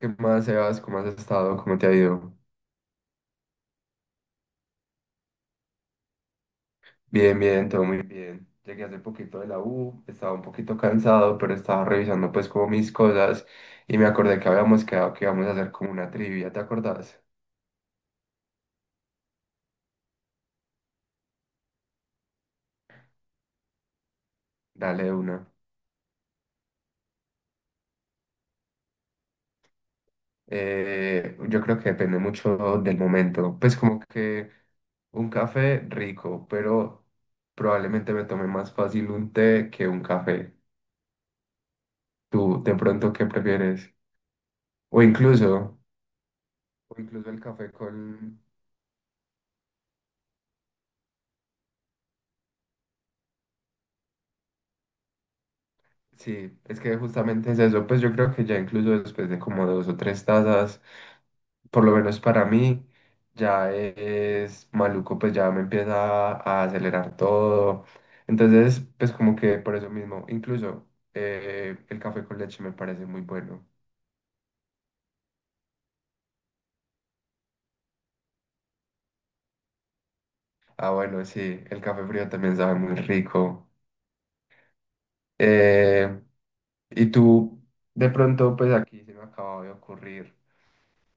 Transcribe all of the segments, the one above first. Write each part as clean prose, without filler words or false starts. ¿Qué más, Sebas? ¿Cómo has estado? ¿Cómo te ha ido? Bien, bien, todo muy bien. Llegué hace poquito de la U, estaba un poquito cansado, pero estaba revisando pues como mis cosas y me acordé que habíamos quedado que íbamos a hacer como una trivia, ¿te acordás? Dale de una. Yo creo que depende mucho del momento. Pues como que un café rico, pero probablemente me tome más fácil un té que un café. ¿Tú de pronto qué prefieres? O incluso, o incluso el café con... Sí, es que justamente es eso, pues yo creo que ya incluso después de como dos o tres tazas, por lo menos para mí, ya es maluco, pues ya me empieza a acelerar todo. Entonces, pues como que por eso mismo, incluso el café con leche me parece muy bueno. Ah, bueno, sí, el café frío también sabe muy rico. Eh, y tú, de pronto, pues aquí se me acaba de ocurrir.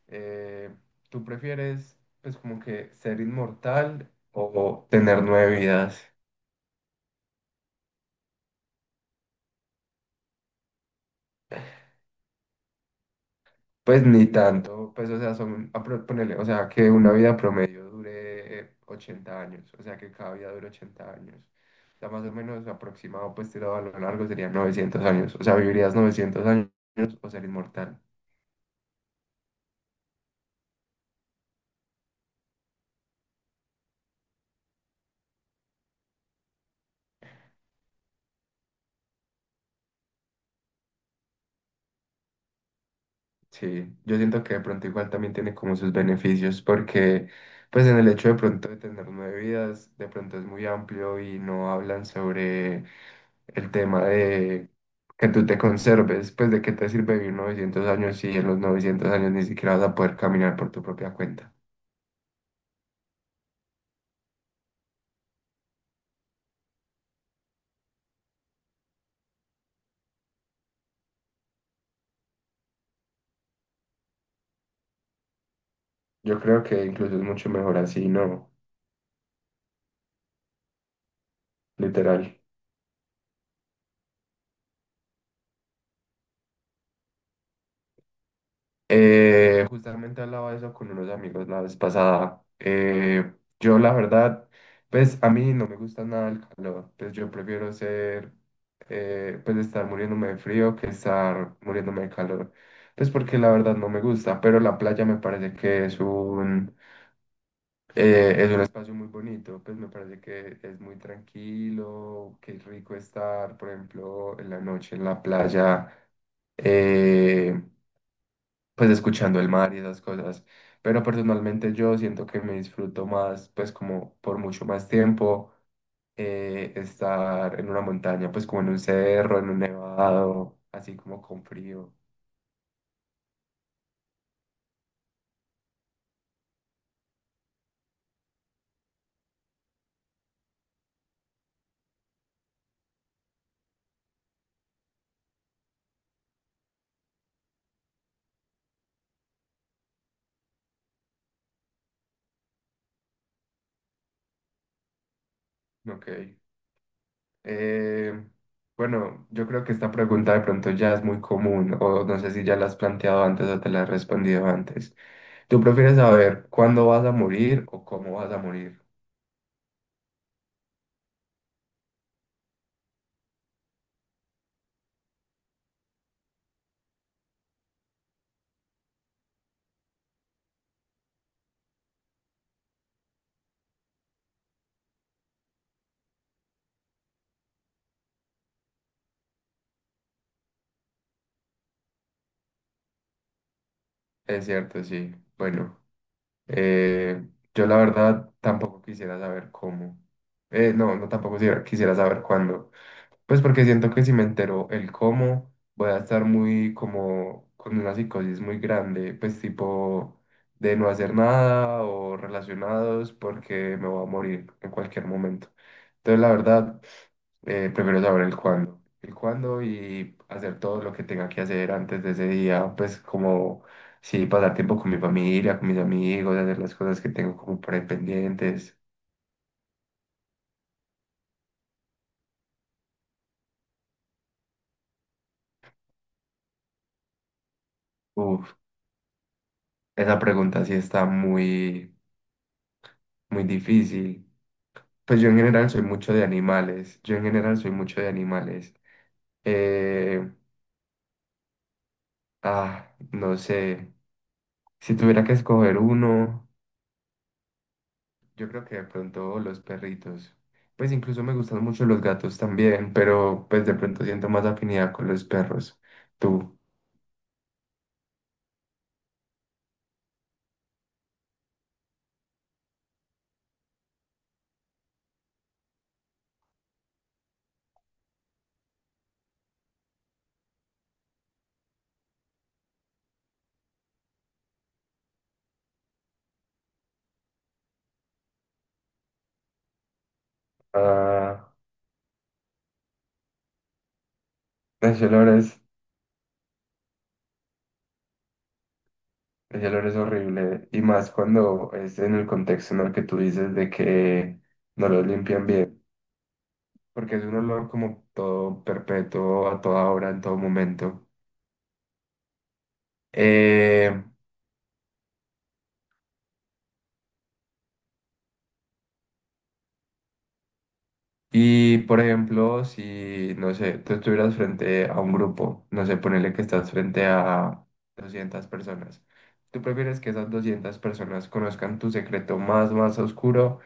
Eh, ¿Tú prefieres, pues, como que ser inmortal o tener nueve vidas? Pues ni tanto, pues, o sea, son, ponele, o sea, que una vida promedio dure 80 años, o sea, que cada vida dure 80 años. O sea, más o menos aproximado, pues, tirado a lo largo serían 900 años, o sea, vivirías 900 años o ser inmortal. Sí, yo siento que de pronto igual también tiene como sus beneficios, porque pues en el hecho de pronto de tener nueve vidas, de pronto es muy amplio y no hablan sobre el tema de que tú te conserves, pues de qué te sirve vivir 900 años si en los 900 años ni siquiera vas a poder caminar por tu propia cuenta. Yo creo que incluso es mucho mejor así, ¿no? Literal. Justamente hablaba de eso con unos amigos la vez pasada. Yo la verdad, pues a mí no me gusta nada el calor. Pues yo prefiero ser, pues estar muriéndome de frío que estar muriéndome de calor. Pues porque la verdad no me gusta, pero la playa me parece que es un espacio muy bonito. Pues me parece que es muy tranquilo, que es rico estar, por ejemplo, en la noche en la playa. eh, pues escuchando el mar y esas cosas. Pero personalmente yo siento que me disfruto más, pues como por mucho más tiempo, estar en una montaña, pues como en un cerro, en un nevado, así como con frío. Ok. Eh, bueno, yo creo que esta pregunta de pronto ya es muy común, o no sé si ya la has planteado antes o te la has respondido antes. ¿Tú prefieres saber cuándo vas a morir o cómo vas a morir? Es cierto, sí. Bueno. Eh, yo la verdad tampoco quisiera saber cómo. No, no tampoco quisiera saber cuándo. Pues porque siento que si me entero el cómo, voy a estar muy como con una psicosis muy grande, pues tipo de no hacer nada o relacionados porque me voy a morir en cualquier momento. Entonces la verdad prefiero saber el cuándo. El cuándo y hacer todo lo que tenga que hacer antes de ese día, pues como sí, pasar tiempo con mi familia, con mis amigos, hacer las cosas que tengo como por ahí pendientes. Uf, esa pregunta sí está muy, muy difícil. Pues yo en general soy mucho de animales. Yo en general soy mucho de animales. Eh, no sé. Si tuviera que escoger uno. Yo creo que de pronto los perritos. Pues incluso me gustan mucho los gatos también, pero pues de pronto siento más afinidad con los perros. Tú. Ah, ese olor es, ese olor es horrible. Y más cuando es en el contexto en el que tú dices de que no los limpian bien. Porque es un olor como todo perpetuo, a toda hora, en todo momento. Eh, Y por ejemplo, si, no sé, tú estuvieras frente a un grupo, no sé, ponele que estás frente a 200 personas, ¿tú prefieres que esas 200 personas conozcan tu secreto más, más oscuro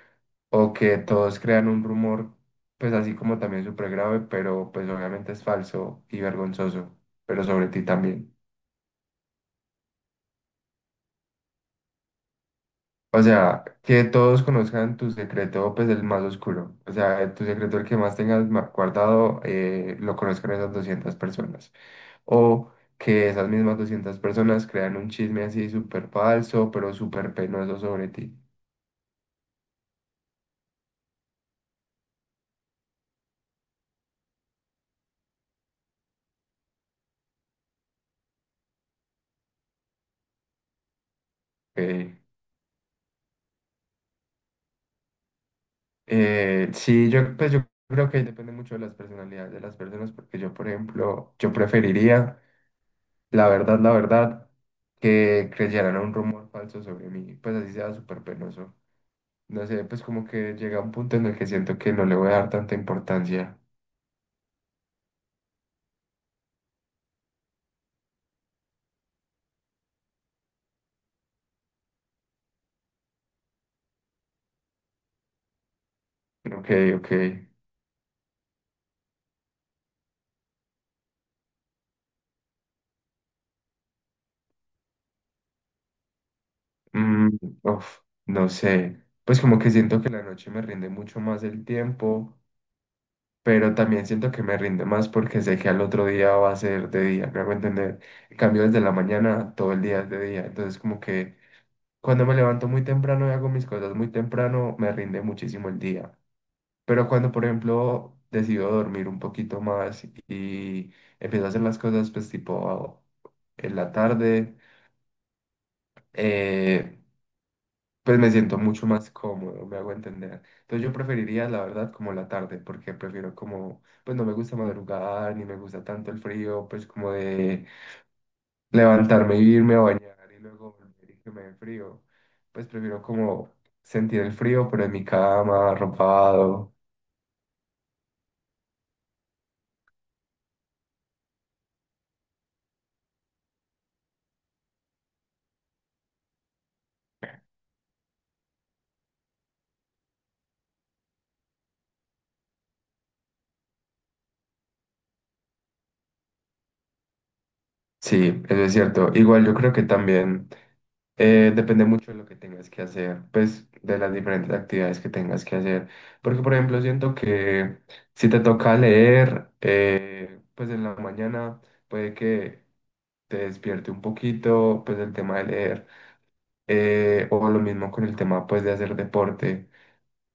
o que todos crean un rumor, pues así como también súper grave, pero pues obviamente es falso y vergonzoso, pero sobre ti también? O sea, que todos conozcan tu secreto, pues el más oscuro. O sea, tu secreto, el que más tengas guardado, lo conozcan esas 200 personas. O que esas mismas 200 personas crean un chisme así súper falso, pero súper penoso sobre ti. Eh, sí, yo, pues yo creo que depende mucho de las personalidades de las personas, porque yo, por ejemplo, yo preferiría, la verdad, que creyeran un rumor falso sobre mí, pues así sea súper penoso. No sé, pues como que llega un punto en el que siento que no le voy a dar tanta importancia. Ok, ok. Mm, uf, no sé. Pues como que siento que la noche me rinde mucho más el tiempo, pero también siento que me rinde más porque sé que al otro día va a ser de día, me hago entender. En cambio, desde la mañana todo el día es de día. Entonces como que cuando me levanto muy temprano y hago mis cosas muy temprano, me rinde muchísimo el día. Pero cuando, por ejemplo, decido dormir un poquito más y empiezo a hacer las cosas, pues tipo en la tarde, eh, pues me siento mucho más cómodo, me hago entender. Entonces yo preferiría, la verdad, como la tarde, porque prefiero como, pues no me gusta madrugar, ni me gusta tanto el frío, pues como de levantarme y irme a bañar y luego volver y que me dé frío. Pues prefiero como sentir el frío, pero en mi cama, arropado. Sí, eso es cierto. Igual yo creo que también... depende mucho de lo que tengas que hacer, pues de las diferentes actividades que tengas que hacer. Porque, por ejemplo, siento que si te toca leer, pues en la mañana puede que te despierte un poquito, pues el tema de leer, o lo mismo con el tema, pues de hacer deporte.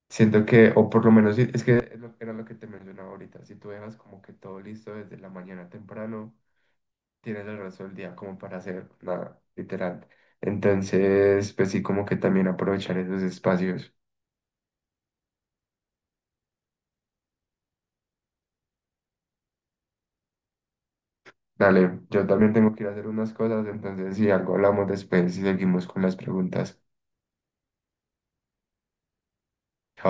Siento que, o por lo menos, sí, es que era lo que te mencionaba ahorita, si tú dejas como que todo listo desde la mañana temprano tienes el resto del día como para hacer nada, literal. Entonces, pues sí, como que también aprovechar esos espacios. Dale, yo también tengo que ir a hacer unas cosas, entonces si algo hablamos después y seguimos con las preguntas. Chao.